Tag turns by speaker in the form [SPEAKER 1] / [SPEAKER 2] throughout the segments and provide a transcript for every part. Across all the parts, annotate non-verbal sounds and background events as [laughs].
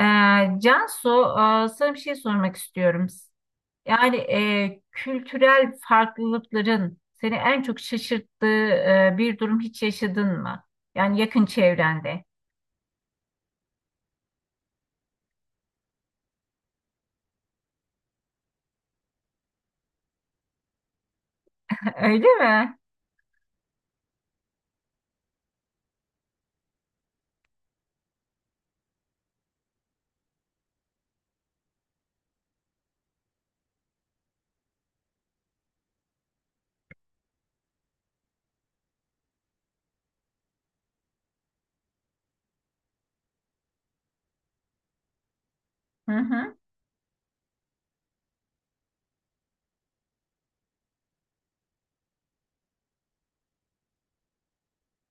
[SPEAKER 1] Ee, Cansu, sana bir şey sormak istiyorum. Yani kültürel farklılıkların seni en çok şaşırttığı bir durum hiç yaşadın mı? Yani yakın çevrende. [laughs] Öyle mi? Hı hı.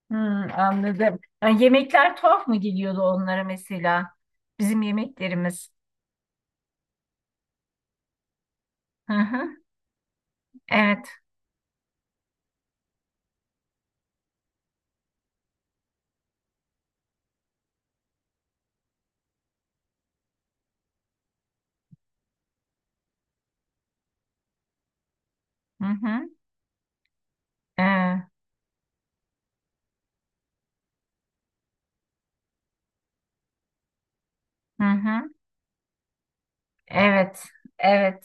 [SPEAKER 1] Hmm, anladım. Yani yemekler tuhaf mı geliyordu onlara mesela? Bizim yemeklerimiz. Hı hı. Evet. Hı hı. Ee, hı hı. Evet. Evet.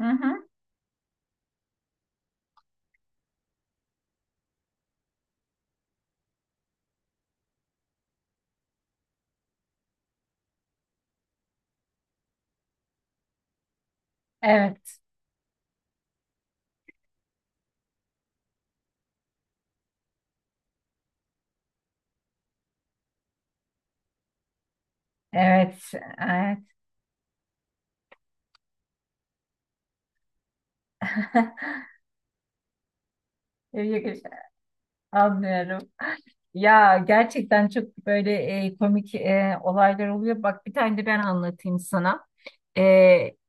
[SPEAKER 1] Hı hı. Evet. Evet. Evet. [laughs] [laughs] Anlıyorum. Ya gerçekten çok böyle komik olaylar oluyor. Bak bir tane de ben anlatayım sana. E,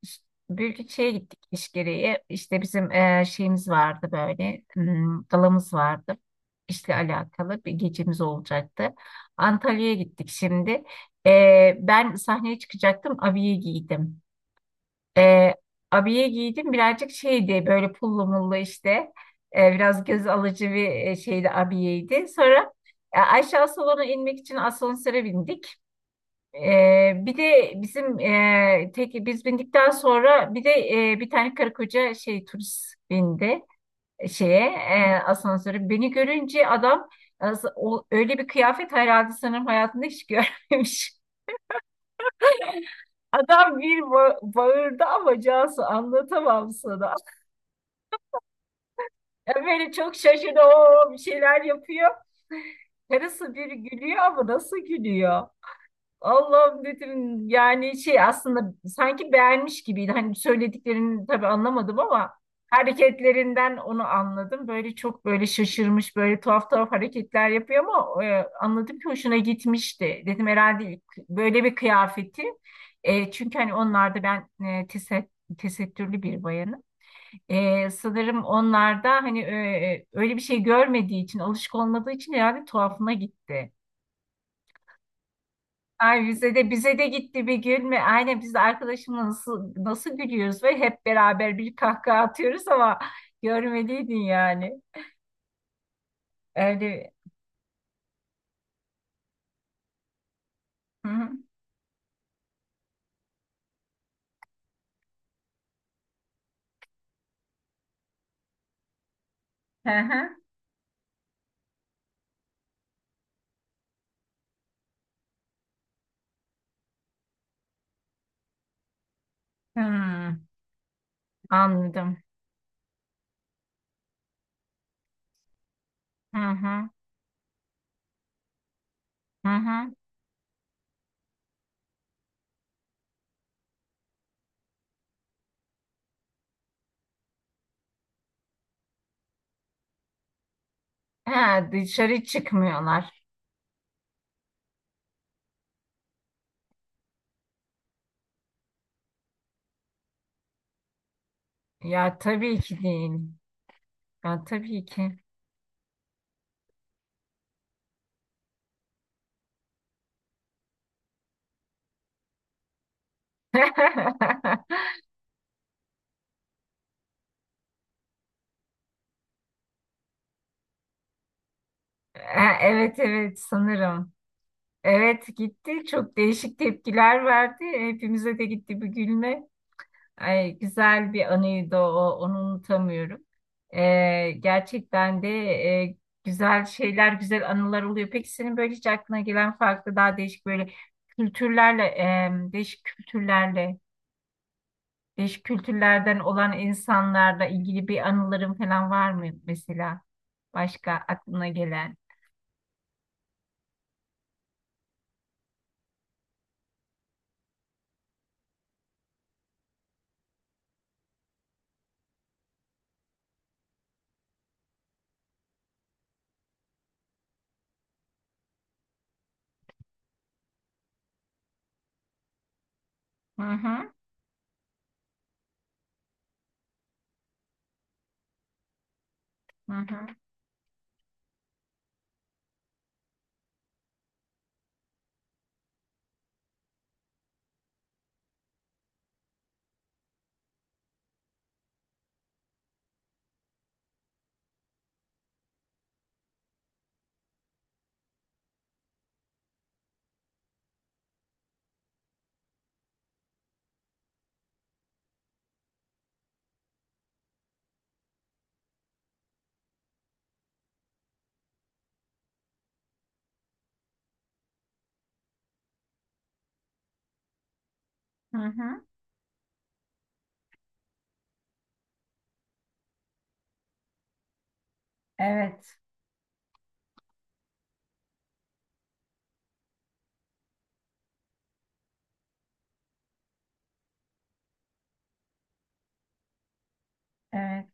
[SPEAKER 1] ş- Bir şeye gittik iş gereği. İşte bizim şeyimiz vardı böyle. Galamız vardı. İşle alakalı bir gecemiz olacaktı. Antalya'ya gittik şimdi. Ben sahneye çıkacaktım. Abiye giydim. E, abiye giydim birazcık şeydi böyle pullu mullu işte. Biraz göz alıcı bir şeydi, abiyeydi. Sonra aşağı salona inmek için asansöre bindik. Bir de bizim tek biz bindikten sonra bir de bir tane karı koca şey turist bindi e, şeye asansöre. Beni görünce adam öyle bir kıyafet herhalde sanırım hayatında hiç görmemiş. [laughs] Adam bir bağırdı ama Cansu, anlatamam sana. Böyle çok şaşırdı. O bir şeyler yapıyor. Karısı bir gülüyor ama nasıl gülüyor? Allah'ım dedim yani, şey, aslında sanki beğenmiş gibiydi. Hani söylediklerini tabii anlamadım ama hareketlerinden onu anladım. Böyle çok böyle şaşırmış, böyle tuhaf tuhaf hareketler yapıyor ama anladım ki hoşuna gitmişti. Dedim herhalde ilk böyle bir kıyafeti. Çünkü hani onlarda ben tesettürlü bir bayanım. Sanırım onlarda hani öyle bir şey görmediği için, alışık olmadığı için herhalde tuhafına gitti. Ay, bize de gitti bir gülme. Aynen, biz de arkadaşımla nasıl nasıl gülüyoruz ve hep beraber bir kahkaha atıyoruz ama [laughs] görmeliydin yani. Öyle. Hı hı. Hı hı. Hmm, anladım. Hı hı. Hı hı. Ha, dışarı çıkmıyorlar. Ya tabii ki değil. Ya tabii ki. [laughs] Ha, evet evet, sanırım. Evet, gitti. Çok değişik tepkiler verdi. Hepimize de gitti bir gülme. Ay, güzel bir anıydı o. Onu unutamıyorum. Gerçekten de güzel şeyler, güzel anılar oluyor. Peki senin böyle hiç aklına gelen farklı, daha değişik böyle kültürlerle, değişik kültürlerden olan insanlarla ilgili bir anıların falan var mı mesela? Başka aklına gelen? Hı hı, hı hı, hı hı. Evet, evet.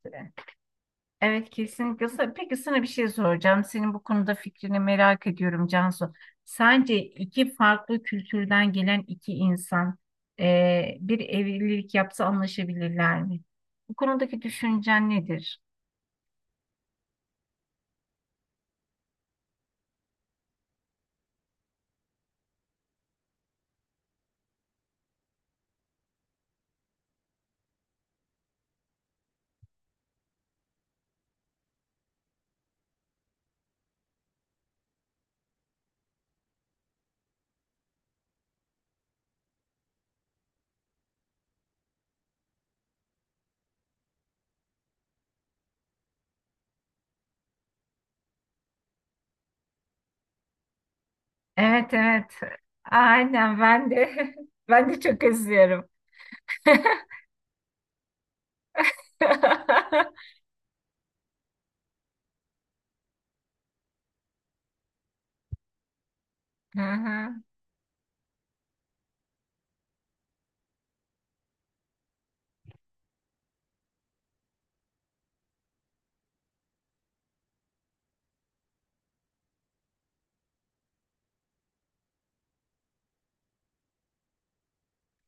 [SPEAKER 1] Evet, kesinlikle. Peki sana bir şey soracağım. Senin bu konuda fikrini merak ediyorum Cansu. Sence iki farklı kültürden gelen iki insan bir evlilik yapsa anlaşabilirler mi? Bu konudaki düşüncen nedir? Evet evet. Aynen, ben de [laughs] ben de çok özlüyorum. [laughs] Hı hı.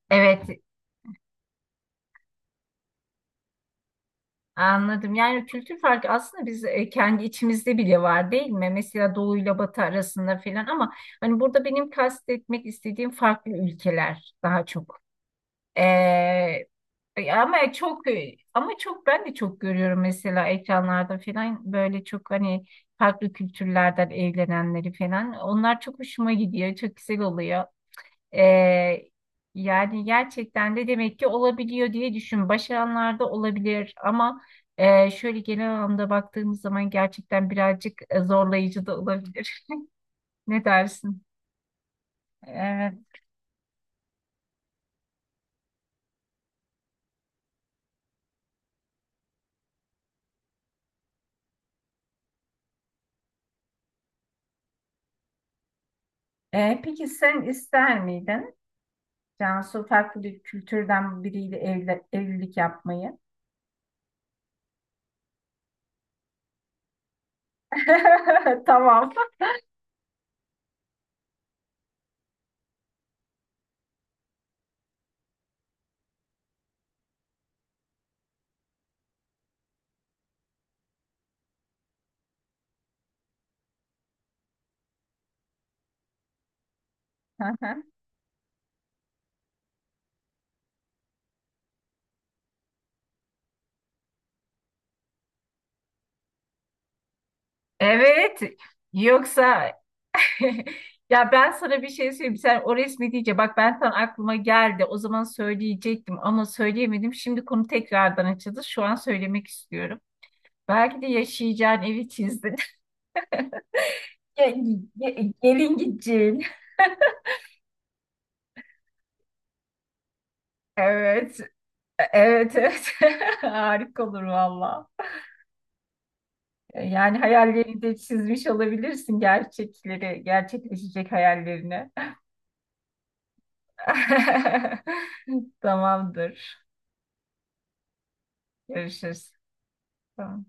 [SPEAKER 1] Evet, anladım. Yani kültür farkı aslında biz kendi içimizde bile var değil mi? Mesela Doğu ile Batı arasında falan ama hani burada benim kastetmek istediğim farklı ülkeler daha çok. Ee, ama çok ben de çok görüyorum mesela ekranlarda falan böyle çok hani farklı kültürlerden evlenenleri falan. Onlar çok hoşuma gidiyor. Çok güzel oluyor. Ee, yani gerçekten de demek ki olabiliyor diye düşün. Başaranlarda olabilir ama şöyle genel anlamda baktığımız zaman gerçekten birazcık zorlayıcı da olabilir. [laughs] Ne dersin? Evet. Peki sen ister miydin Cansu farklı bir kültürden biriyle evli, evlilik yapmayı? [laughs] Tamam. [laughs] Evet. Yoksa… [laughs] Ya ben sana bir şey söyleyeyim. Sen o resmi deyince bak, ben tam aklıma geldi. O zaman söyleyecektim ama söyleyemedim. Şimdi konu tekrardan açıldı. Şu an söylemek istiyorum. Belki de yaşayacağın evi çizdin. [laughs] Gelin gideceğin. Evet. Evet, evet. [laughs] Harika olur valla. Yani hayallerini de çizmiş olabilirsin, gerçekleri, gerçekleşecek hayallerini. [laughs] Tamamdır. Görüşürüz. Tamam.